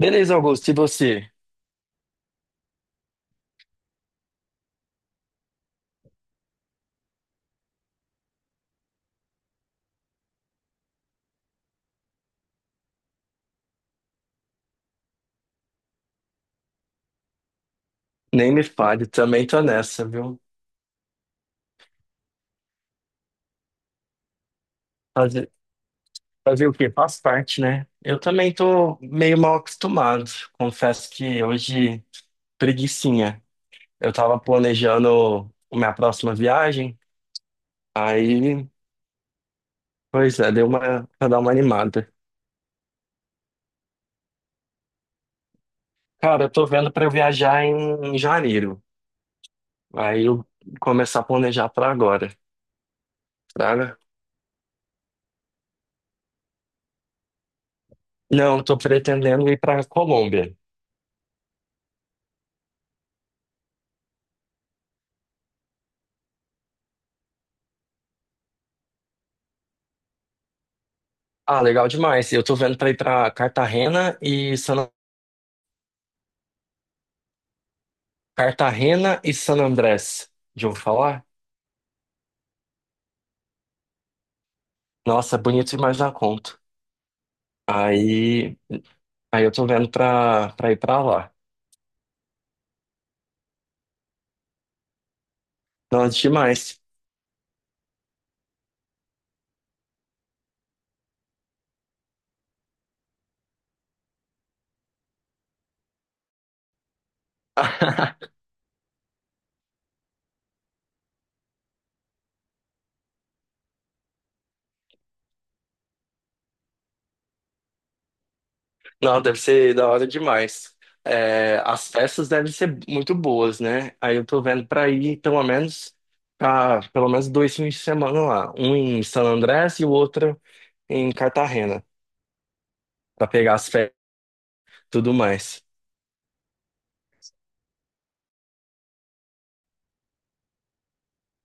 Beleza, Augusto, e você? Nem me fale, também tô nessa, viu? Fazer, fazer o quê? Faz parte, né? Eu também tô meio mal acostumado. Confesso que hoje, preguicinha. Eu tava planejando a minha próxima viagem, aí, pois é, pra dar uma animada. Cara, eu tô vendo pra eu viajar em, janeiro. Aí eu começar a planejar pra agora, tá? Não, eu tô pretendendo ir pra Colômbia. Ah, legal demais. Eu tô vendo pra ir pra Cartagena e San Andrés. Já ouviu falar? Nossa, bonito demais da conta. Aí, aí eu tô vendo pra ir pra lá. Nossa, demais. Não, deve ser da hora demais. É, as festas devem ser muito boas, né? Aí eu tô vendo pra ir pelo menos 2 fins de semana lá. Um em San Andrés e o outro em Cartagena, pra pegar as festas e tudo mais.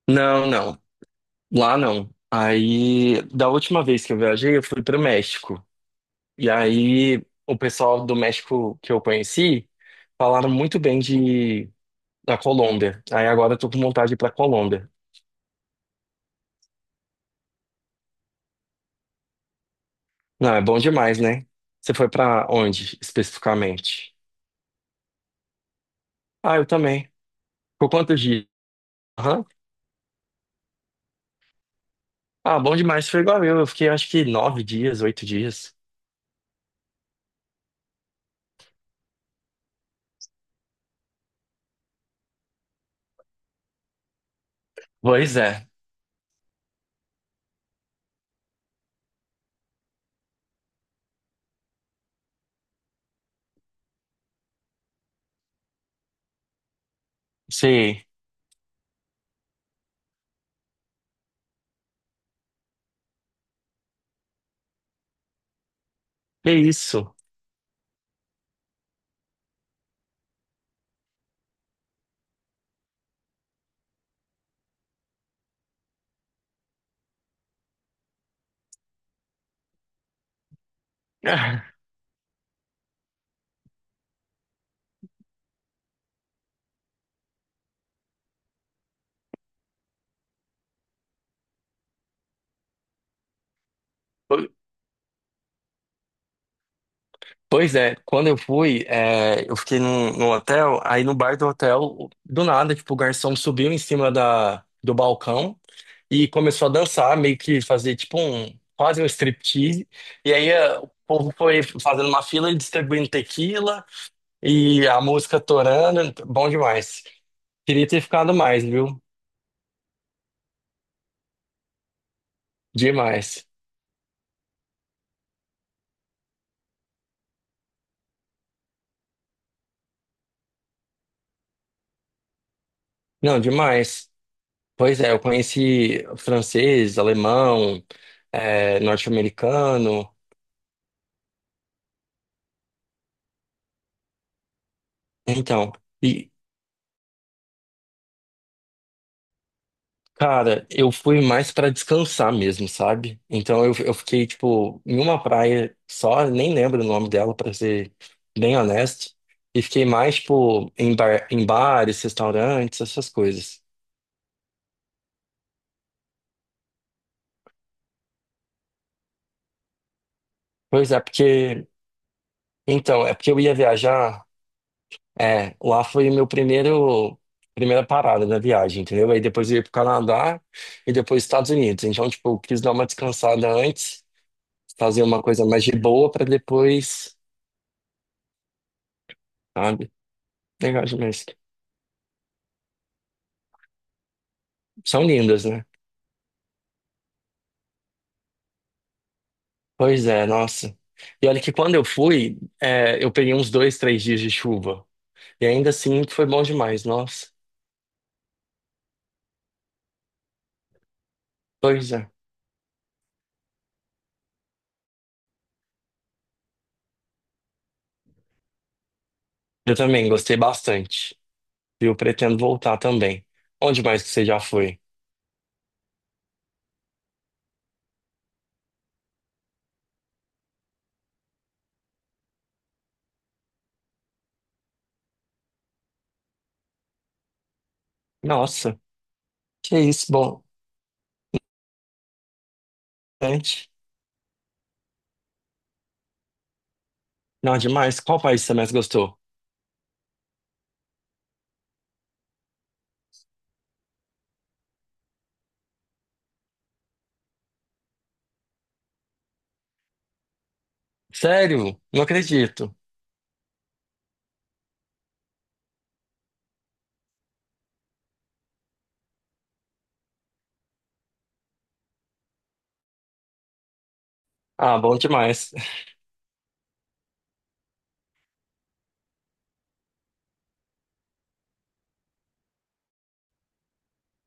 Não, não. Lá não. Aí, da última vez que eu viajei, eu fui pro México. E aí, o pessoal do México que eu conheci falaram muito bem de da Colômbia. Aí agora eu tô com vontade de ir pra Colômbia. Não, é bom demais, né? Você foi pra onde especificamente? Ah, eu também. Por quantos dias? Aham. Ah, bom demais. Foi igual eu. Eu fiquei acho que 9 dias, 8 dias. Pois é. Sim. Que isso? Pois é, quando eu fui, eu fiquei num hotel, aí no bar do hotel, do nada, tipo, o garçom subiu em cima do balcão e começou a dançar, meio que fazer quase um striptease. E aí o povo foi fazendo uma fila e distribuindo tequila e a música torando, bom demais. Queria ter ficado mais, viu? Demais. Não, demais. Pois é, eu conheci francês, alemão, norte-americano. Então. E, Cara, eu fui mais pra descansar mesmo, sabe? Então eu fiquei, tipo, em uma praia só, nem lembro o nome dela, pra ser bem honesto. E fiquei mais, tipo, em bares, restaurantes, essas coisas. Pois é, porque. Então, é porque eu ia viajar. É, lá foi o meu primeiro. Primeira parada na viagem, entendeu? Aí depois eu ia pro Canadá e depois Estados Unidos. Então, tipo, eu quis dar uma descansada antes, fazer uma coisa mais de boa pra depois, sabe? Legal demais. São lindas, né? Pois é, nossa. E olha que quando eu fui, eu peguei uns 2, 3 dias de chuva. E ainda assim foi bom demais, nossa. Pois é. Eu também gostei bastante. E eu pretendo voltar também. Onde mais que você já foi? Nossa, que isso, bom. Gente, não, demais. Qual país você mais gostou? Sério? Não acredito. Ah, bom demais.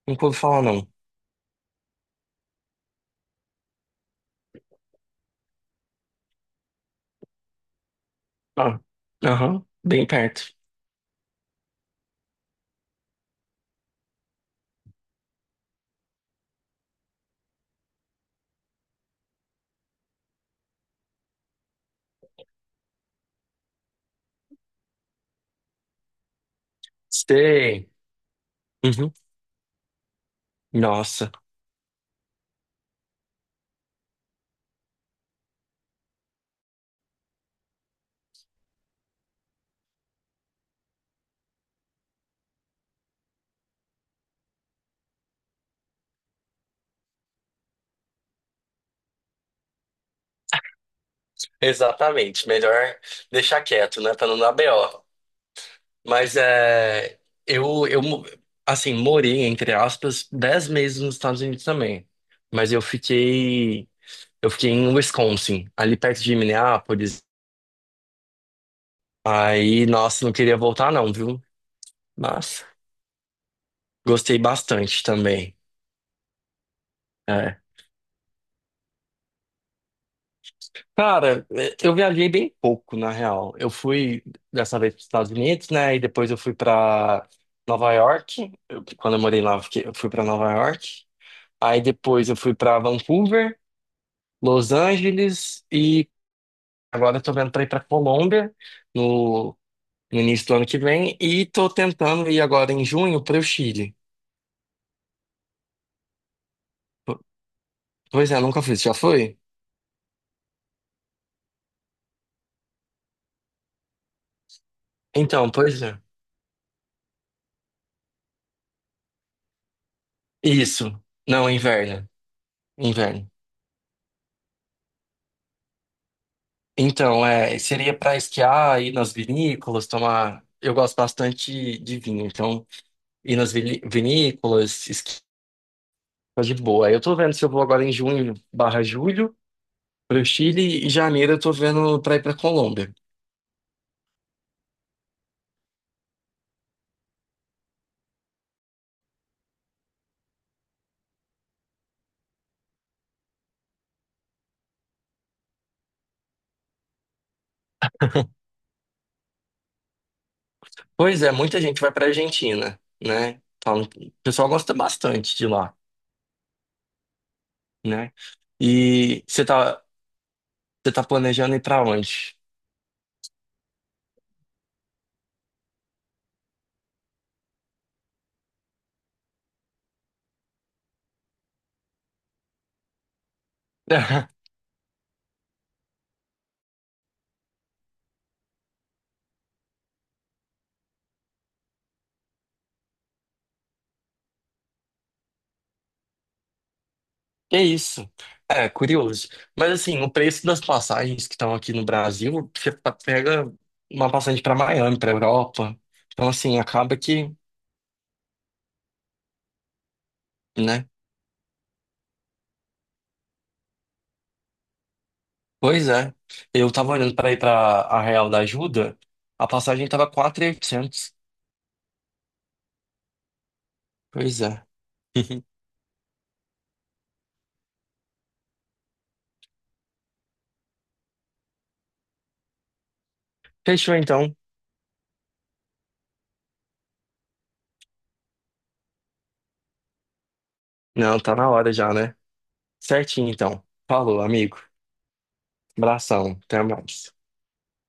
Não pude falar, não. Ah, aham, bem perto. Sei. Uhum. Nossa. Exatamente, melhor deixar quieto, né, para não dar BO. Mas eu, eu, mo- assim, morei, entre aspas, 10 meses nos Estados Unidos também. Mas eu fiquei em Wisconsin, ali perto de Minneapolis. Aí, nossa, não queria voltar não, viu? Mas gostei bastante também. É, Cara, eu viajei bem pouco, na real. Eu fui dessa vez para os Estados Unidos, né? E depois eu fui para Nova York. Quando eu morei lá, eu fui para Nova York. Aí depois eu fui para Vancouver, Los Angeles e agora eu tô vendo para ir para Colômbia no, no início do ano que vem e tô tentando ir agora em junho para o Chile. Po- Pois é, nunca fui. Você já foi? Então, pois é. Isso. Não, inverno. Inverno. Então, seria para esquiar, ir nas vinícolas, tomar. Eu gosto bastante de vinho, então ir nas vinícolas, esquiar de boa. Eu tô vendo se eu vou agora em junho barra julho para o Chile e janeiro eu tô vendo para ir para Colômbia. Pois é, muita gente vai para Argentina, né? Falam o pessoal gosta bastante de lá, né? E você tá planejando ir para onde? Que isso? É, curioso. Mas assim, o preço das passagens que estão aqui no Brasil, você pega uma passagem para Miami, para Europa. Então, assim, acaba que, né? Pois é. Eu tava olhando para ir para a Real da Ajuda, a passagem tava 4.800. Pois é. Fechou então. Não, tá na hora já, né? Certinho então. Falou, amigo. Abração. Até mais.